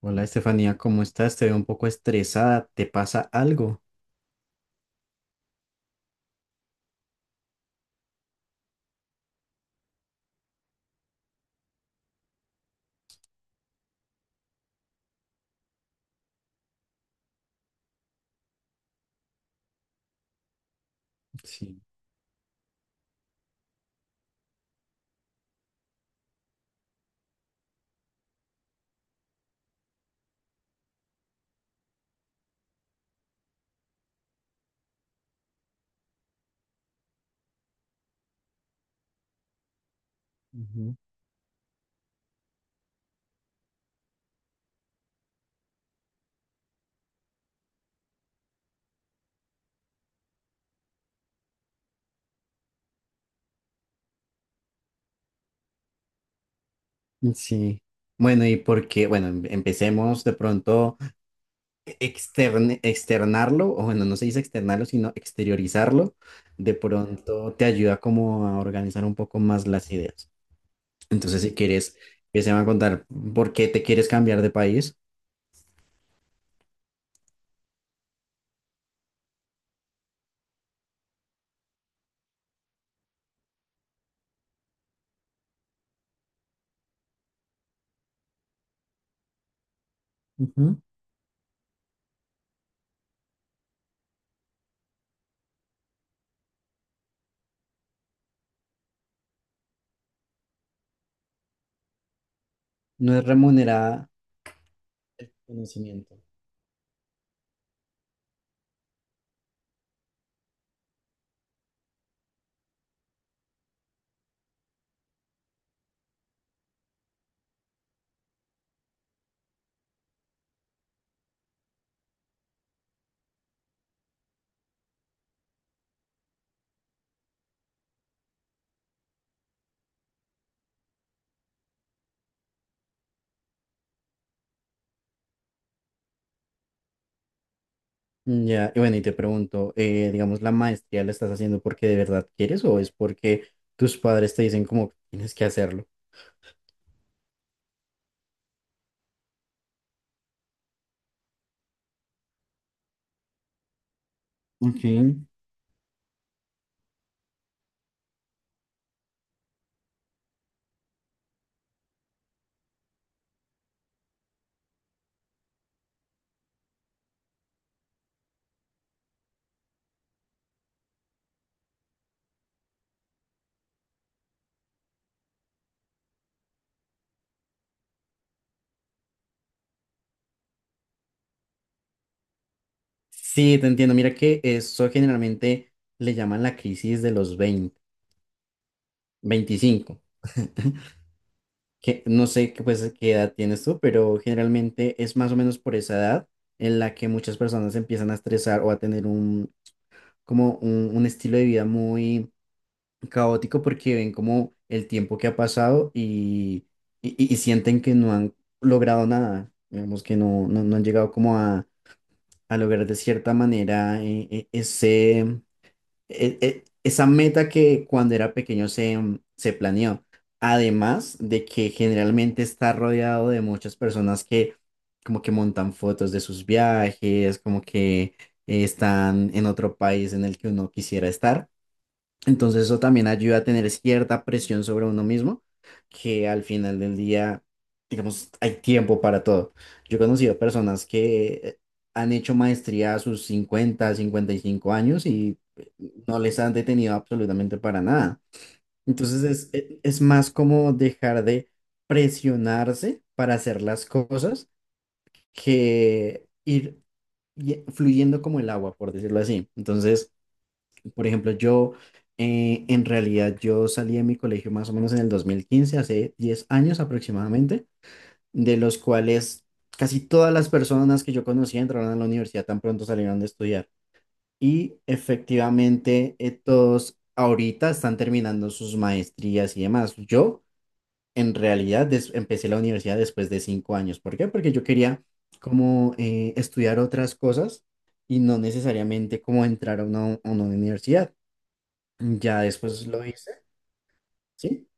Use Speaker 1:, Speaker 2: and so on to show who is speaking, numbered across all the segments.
Speaker 1: Hola Estefanía, ¿cómo estás? Te veo un poco estresada, ¿te pasa algo? Sí. Ujú. Sí. Bueno, ¿y porque Bueno, empecemos de pronto externarlo, o bueno, no se dice externarlo, sino exteriorizarlo. De pronto te ayuda como a organizar un poco más las ideas. Entonces, si quieres, empecemos a contar por qué te quieres cambiar de país. Ujú. No es remunerada conocimiento. Mm, ya, y bueno, y te pregunto, digamos, ¿la maestría la estás haciendo porque de verdad quieres o es porque tus padres te dicen como tienes que hacerlo? Ok. Sí, te entiendo. Mira que eso generalmente le llaman la crisis de los 20 25, que no sé qué, pues, qué edad tienes tú, pero generalmente es más o menos por esa edad en la que muchas personas empiezan a estresar o a tener como un estilo de vida muy caótico porque ven como el tiempo que ha pasado y, y sienten que no han logrado nada, digamos que no, no, no han llegado como a lograr de cierta manera ese, esa meta que cuando era pequeño se, se planeó. Además de que generalmente está rodeado de muchas personas que como que montan fotos de sus viajes, como que están en otro país en el que uno quisiera estar. Entonces eso también ayuda a tener cierta presión sobre uno mismo, que al final del día, digamos, hay tiempo para todo. Yo he conocido personas que han hecho maestría a sus 50 55 años y no les han detenido absolutamente para nada. Entonces es más como dejar de presionarse para hacer las cosas que ir fluyendo como el agua, por decirlo así. Entonces... Por ejemplo, yo, en realidad yo salí de mi colegio más o menos en el 2015, hace 10 años aproximadamente, de los cuales casi todas las personas que yo conocía entraron a la universidad tan pronto salieron de estudiar. Y efectivamente, todos ahorita están terminando sus maestrías y demás. Yo en realidad empecé la universidad después de 5 años. ¿Por qué? Porque yo quería como, estudiar otras cosas y no necesariamente como entrar a una universidad. Ya después lo hice, ¿sí?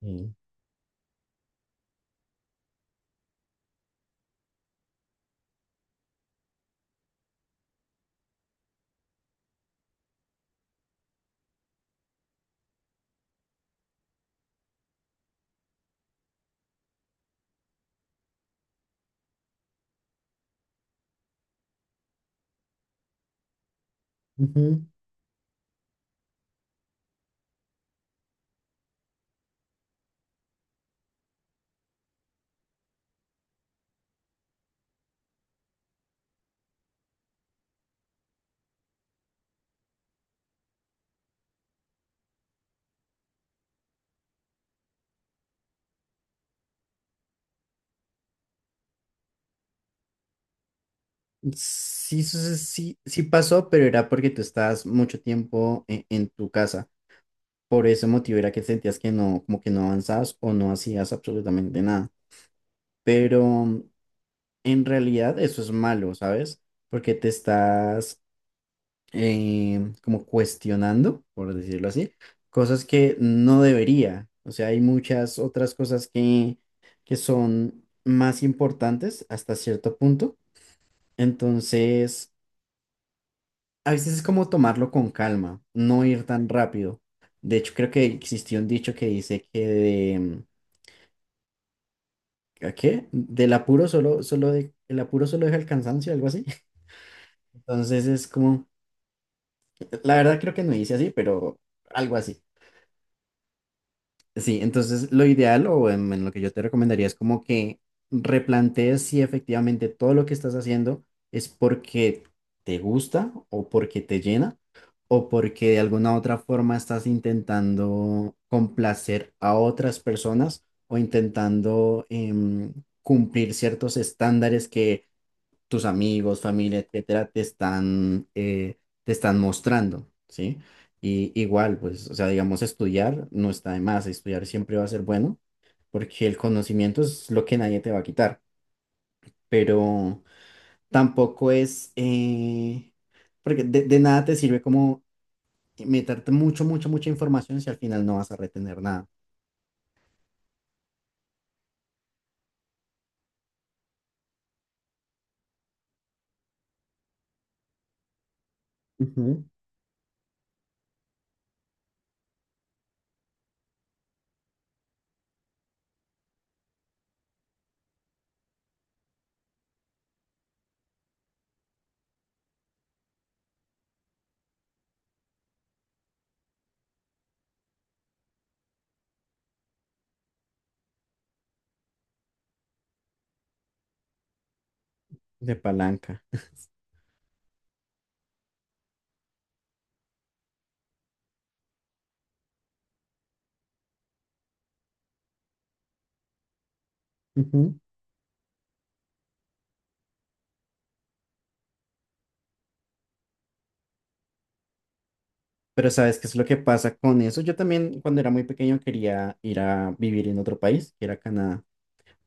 Speaker 1: Sí. Ujú. Sí, sí, sí, sí, sí pasó, pero era porque tú estabas mucho tiempo en tu casa. Por ese motivo era que sentías que no, como que no avanzabas o no hacías absolutamente nada. Pero en realidad eso es malo, ¿sabes? Porque te estás, como cuestionando, por decirlo así, cosas que no debería. O sea, hay muchas otras cosas que son más importantes hasta cierto punto. Entonces, a veces es como tomarlo con calma, no ir tan rápido. De hecho, creo que existió un dicho que dice que de, ¿a qué? Del apuro solo, el apuro solo deja el cansancio, algo así. Entonces es como, la verdad creo que no dice así, pero algo así. Sí, entonces lo ideal o en lo que yo te recomendaría es como que replantees si efectivamente todo lo que estás haciendo es porque te gusta o porque te llena o porque de alguna otra forma estás intentando complacer a otras personas o intentando, cumplir ciertos estándares que tus amigos, familia, etcétera, te están mostrando, ¿sí? Y igual, pues, o sea, digamos, estudiar no está de más, estudiar siempre va a ser bueno, porque el conocimiento es lo que nadie te va a quitar, pero tampoco es, porque de nada te sirve como meterte mucho, mucho, mucha información si al final no vas a retener nada. Ujú, de palanca. Ujú. Pero ¿sabes qué es lo que pasa con eso? Yo también cuando era muy pequeño quería ir a vivir en otro país, que era Canadá,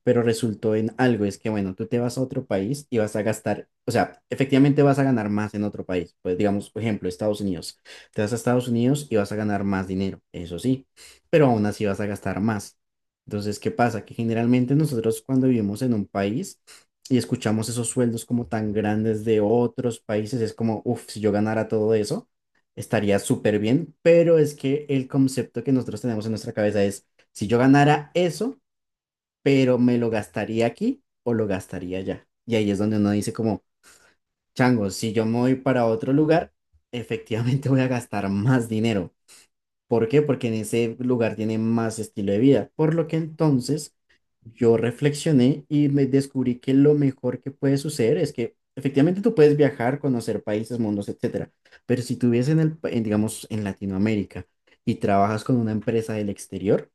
Speaker 1: pero resultó en algo, es que bueno, tú te vas a otro país y vas a gastar, o sea, efectivamente vas a ganar más en otro país, pues digamos, por ejemplo, Estados Unidos, te vas a Estados Unidos y vas a ganar más dinero, eso sí, pero aún así vas a gastar más. Entonces, ¿qué pasa? Que generalmente nosotros cuando vivimos en un país y escuchamos esos sueldos como tan grandes de otros países, es como, uff, si yo ganara todo eso, estaría súper bien, pero es que el concepto que nosotros tenemos en nuestra cabeza es, si yo ganara eso, pero me lo gastaría aquí o lo gastaría allá. Y ahí es donde uno dice como, chango, si yo me voy para otro lugar, efectivamente, voy a gastar más dinero. ¿Por qué? Porque en ese lugar tiene más estilo de vida. Por lo que entonces yo reflexioné y me descubrí que lo mejor que puede suceder es que efectivamente tú puedes viajar, conocer países, mundos, etcétera. Pero si tú vives en, digamos, en Latinoamérica, y trabajas con una empresa del exterior,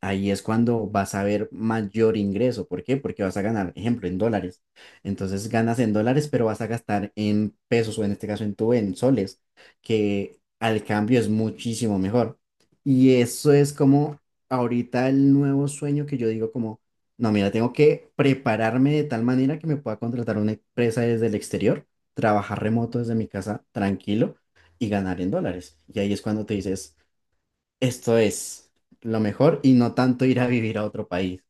Speaker 1: ahí es cuando vas a ver mayor ingreso. ¿Por qué? Porque vas a ganar, ejemplo, en dólares. Entonces ganas en dólares, pero vas a gastar en pesos o en este caso en tu en soles, que al cambio es muchísimo mejor. Y eso es como ahorita el nuevo sueño que yo digo como, no, mira, tengo que prepararme de tal manera que me pueda contratar una empresa desde el exterior, trabajar remoto desde mi casa tranquilo y ganar en dólares. Y ahí es cuando te dices esto es lo mejor y no tanto ir a vivir a otro país.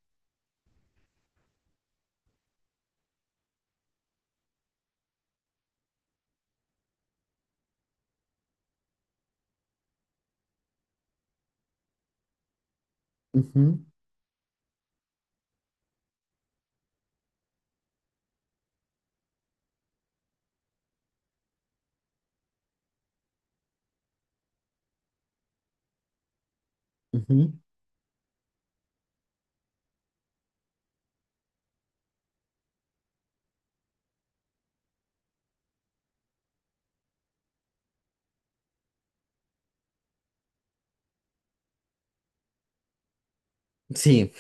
Speaker 1: Ujú, ujú. Sí,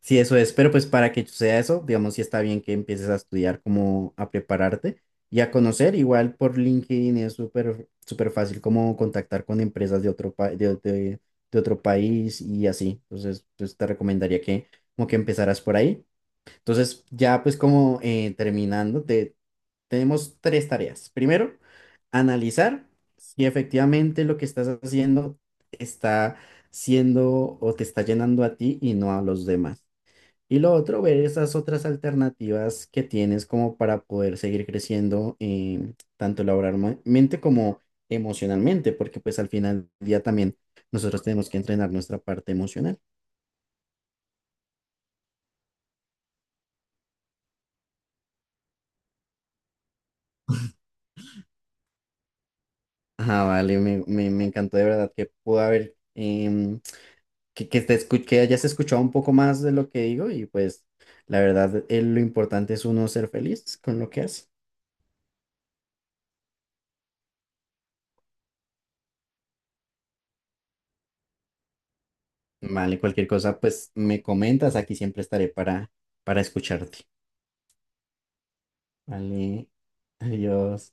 Speaker 1: sí, eso es. Pero pues para que sea eso, digamos, sí está bien que empieces a estudiar, como a prepararte y a conocer. Igual por LinkedIn es súper, súper fácil como contactar con empresas de otro, pa- de otro país y así. Entonces, pues te recomendaría que como que empezaras por ahí. Entonces, ya pues como, terminando, tenemos tres tareas. Primero, analizar si efectivamente lo que estás haciendo está siendo o te está llenando a ti y no a los demás. Y lo otro, ver esas otras alternativas que tienes como para poder seguir creciendo, tanto laboralmente como emocionalmente, porque pues al final del día también nosotros tenemos que entrenar nuestra parte emocional. Ah, vale, me encantó de verdad que pudo haber, que hayas escuchado un poco más de lo que digo y pues la verdad, lo importante es uno ser feliz con lo que hace. Vale, cualquier cosa pues me comentas, aquí siempre estaré para escucharte. Vale, adiós.